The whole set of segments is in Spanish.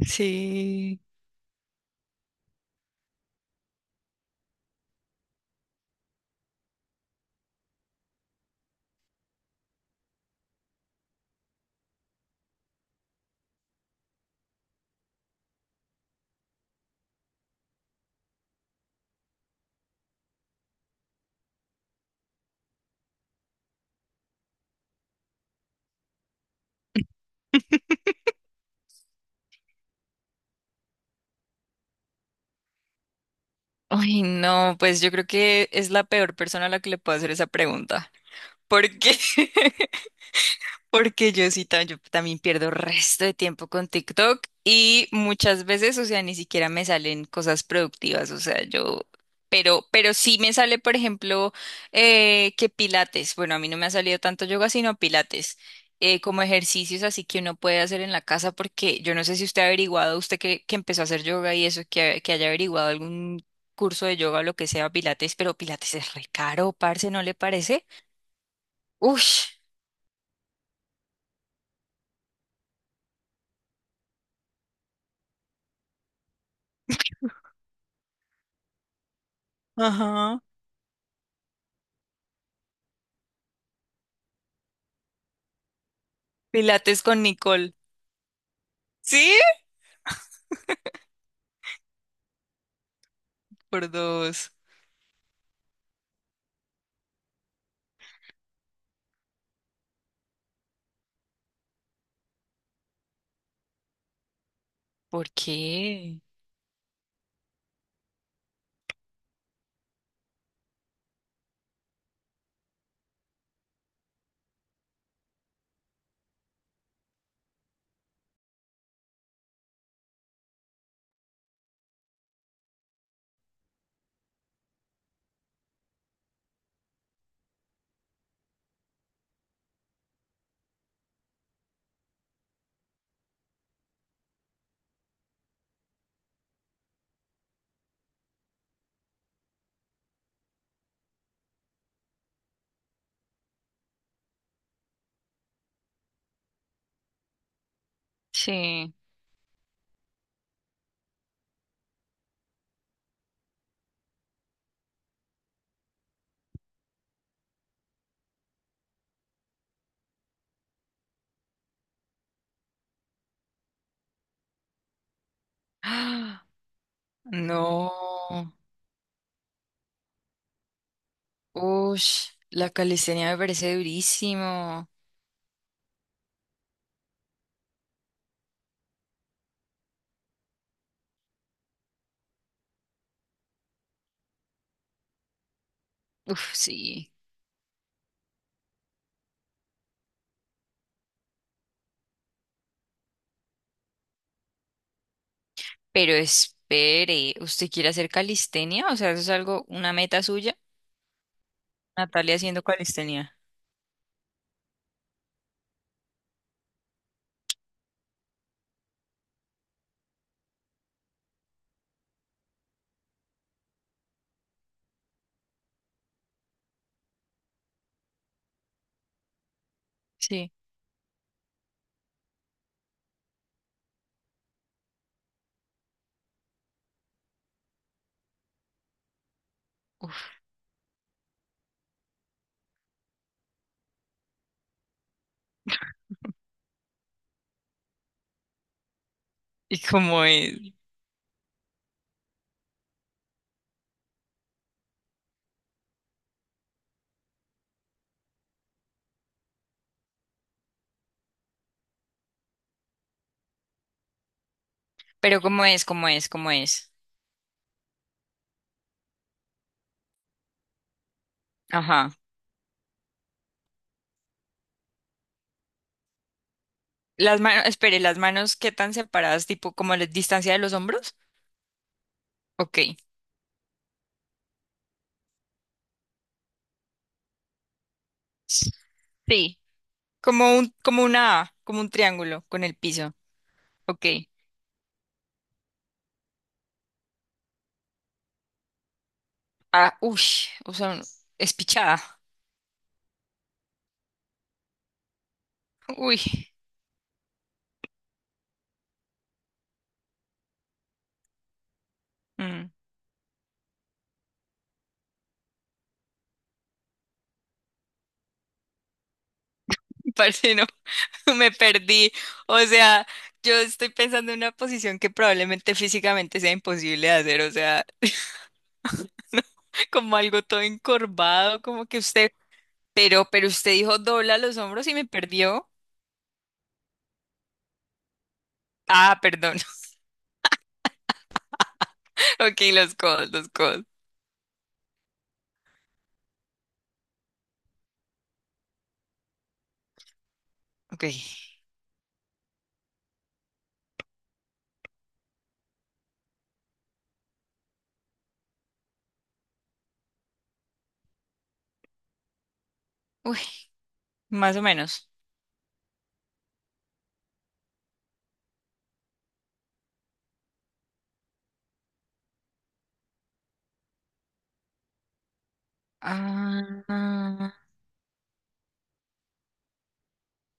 Sí. Ay, no, pues yo creo que es la peor persona a la que le puedo hacer esa pregunta. ¿Por qué? Porque yo también pierdo resto de tiempo con TikTok y muchas veces, o sea, ni siquiera me salen cosas productivas, o sea, yo, pero sí me sale, por ejemplo, que pilates, bueno, a mí no me ha salido tanto yoga, sino pilates, como ejercicios así que uno puede hacer en la casa, porque yo no sé si usted ha averiguado, usted que empezó a hacer yoga y eso, que haya averiguado algún curso de yoga o lo que sea, pilates, pero pilates es re caro, parce, ¿no le parece? Ush. Ajá. Pilates con Nicole. ¿Sí? Por dos. ¿Por qué? Sí. ¡Ah! No. Ush, la calistenia me parece durísimo. Uf, sí. Pero espere, ¿usted quiere hacer calistenia? O sea, ¿eso es algo, una meta suya? Natalia haciendo calistenia. Sí. Uf. ¿Y cómo es? Pero ¿cómo es? ¿Cómo es? ¿Cómo es? Ajá. Las manos, espere, las manos ¿qué tan separadas, tipo como la distancia de los hombros? Ok. Sí. Como un, como una A, como un triángulo con el piso. Ok. Ah, uy, o sea, un- espichada. Uy, mm, parce, no, me perdí. O sea, yo estoy pensando en una posición que probablemente físicamente sea imposible de hacer, o sea, no, como algo todo encorvado, como que usted, pero usted dijo dobla los hombros y me perdió. Ah, perdón. Ok, los codos. Ok. Uy, más o menos. Ah.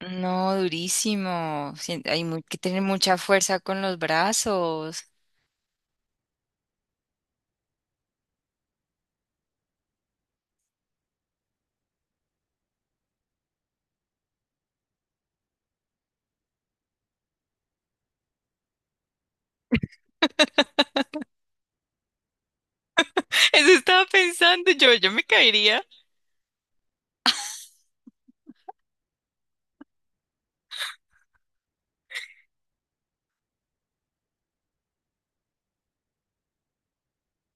No, durísimo. Sien- Hay mu- que tener mucha fuerza con los brazos. Eso estaba pensando yo, yo me caería.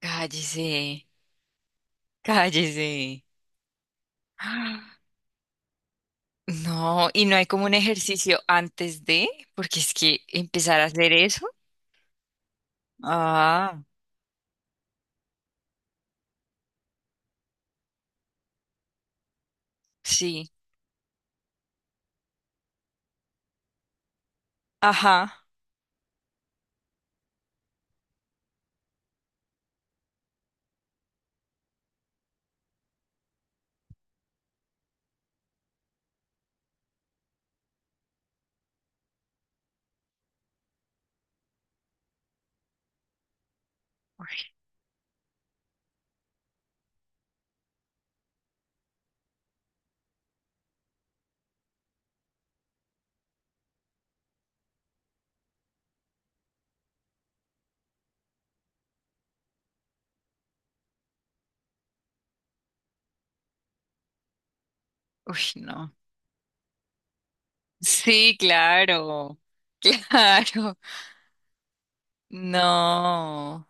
Cállese, cállese. Ah, no, y no hay como un ejercicio antes de, porque es que empezar a hacer eso. Ah, sí. Ajá. Uy, no. Sí, claro. Claro. No.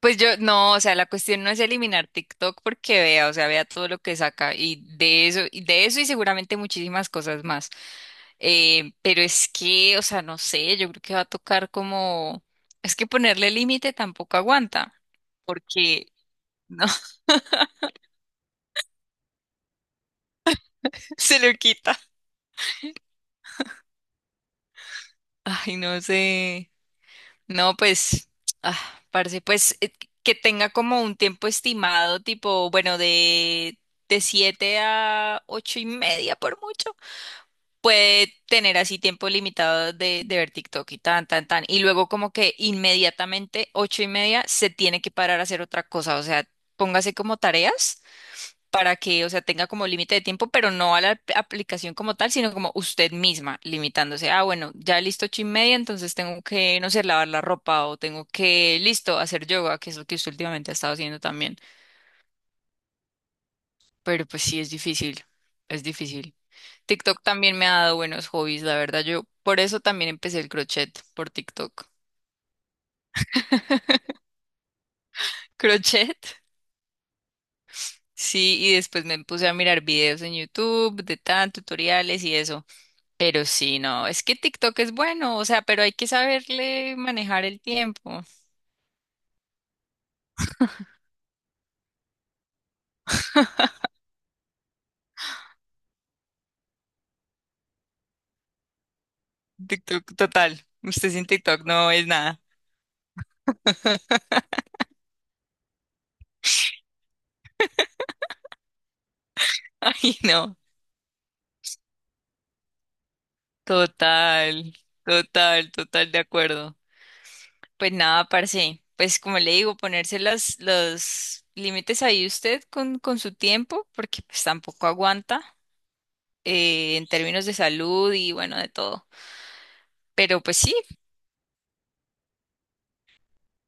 Pues yo, no, o sea, la cuestión no es eliminar TikTok porque vea, o sea, vea todo lo que saca y de eso, y de eso y seguramente muchísimas cosas más. Pero es que, o sea, no sé, yo creo que va a tocar como, es que ponerle límite tampoco aguanta porque no, se lo quita. Ay, no sé. No, pues, ah, parce, pues que tenga como un tiempo estimado, tipo, bueno, de siete a ocho y media por mucho. Puede tener así tiempo limitado de ver TikTok y tan, tan, tan. Y luego como que inmediatamente, ocho y media, se tiene que parar a hacer otra cosa. O sea, póngase como tareas para que, o sea, tenga como límite de tiempo, pero no a la ap- aplicación como tal, sino como usted misma limitándose. Ah, bueno, ya listo ocho y media, entonces tengo que, no sé, lavar la ropa o tengo que, listo, hacer yoga, que es lo que usted últimamente ha estado haciendo también. Pero pues sí, es difícil, es difícil. TikTok también me ha dado buenos hobbies, la verdad. Yo por eso también empecé el crochet por TikTok. ¿Crochet? Sí, y después me puse a mirar videos en YouTube de tan tutoriales y eso. Pero sí, no, es que TikTok es bueno, o sea, pero hay que saberle manejar el tiempo. TikTok total. Usted sin TikTok no es nada. Ay, no. Total, total, total de acuerdo. Pues nada, parce. Pues como le digo, ponerse las, los límites ahí usted con su tiempo, porque pues tampoco aguanta en términos de salud y bueno, de todo. Pero pues sí,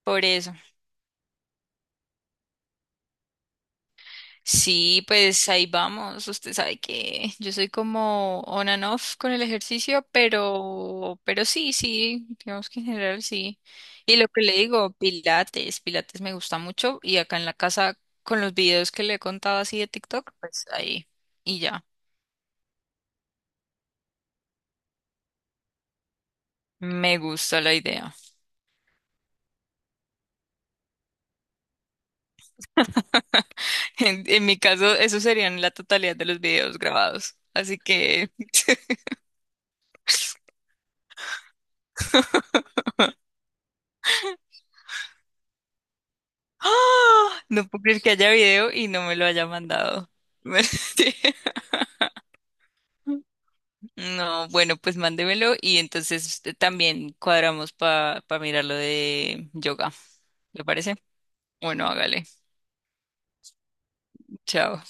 por eso. Sí, pues ahí vamos. Usted sabe que yo soy como on and off con el ejercicio, pero sí, sí, digamos que en general sí. Y lo que le digo, Pilates, Pilates me gusta mucho y acá en la casa con los videos que le he contado así de TikTok, pues ahí y ya. Me gusta la idea. En mi caso, eso serían la totalidad de los videos grabados. Así que ¡Ah! No puedo creer que haya video y no me lo haya mandado. Sí. No, bueno, pues mándemelo y entonces también cuadramos para mirar lo de yoga. ¿Le parece? Bueno, hágale. Chao.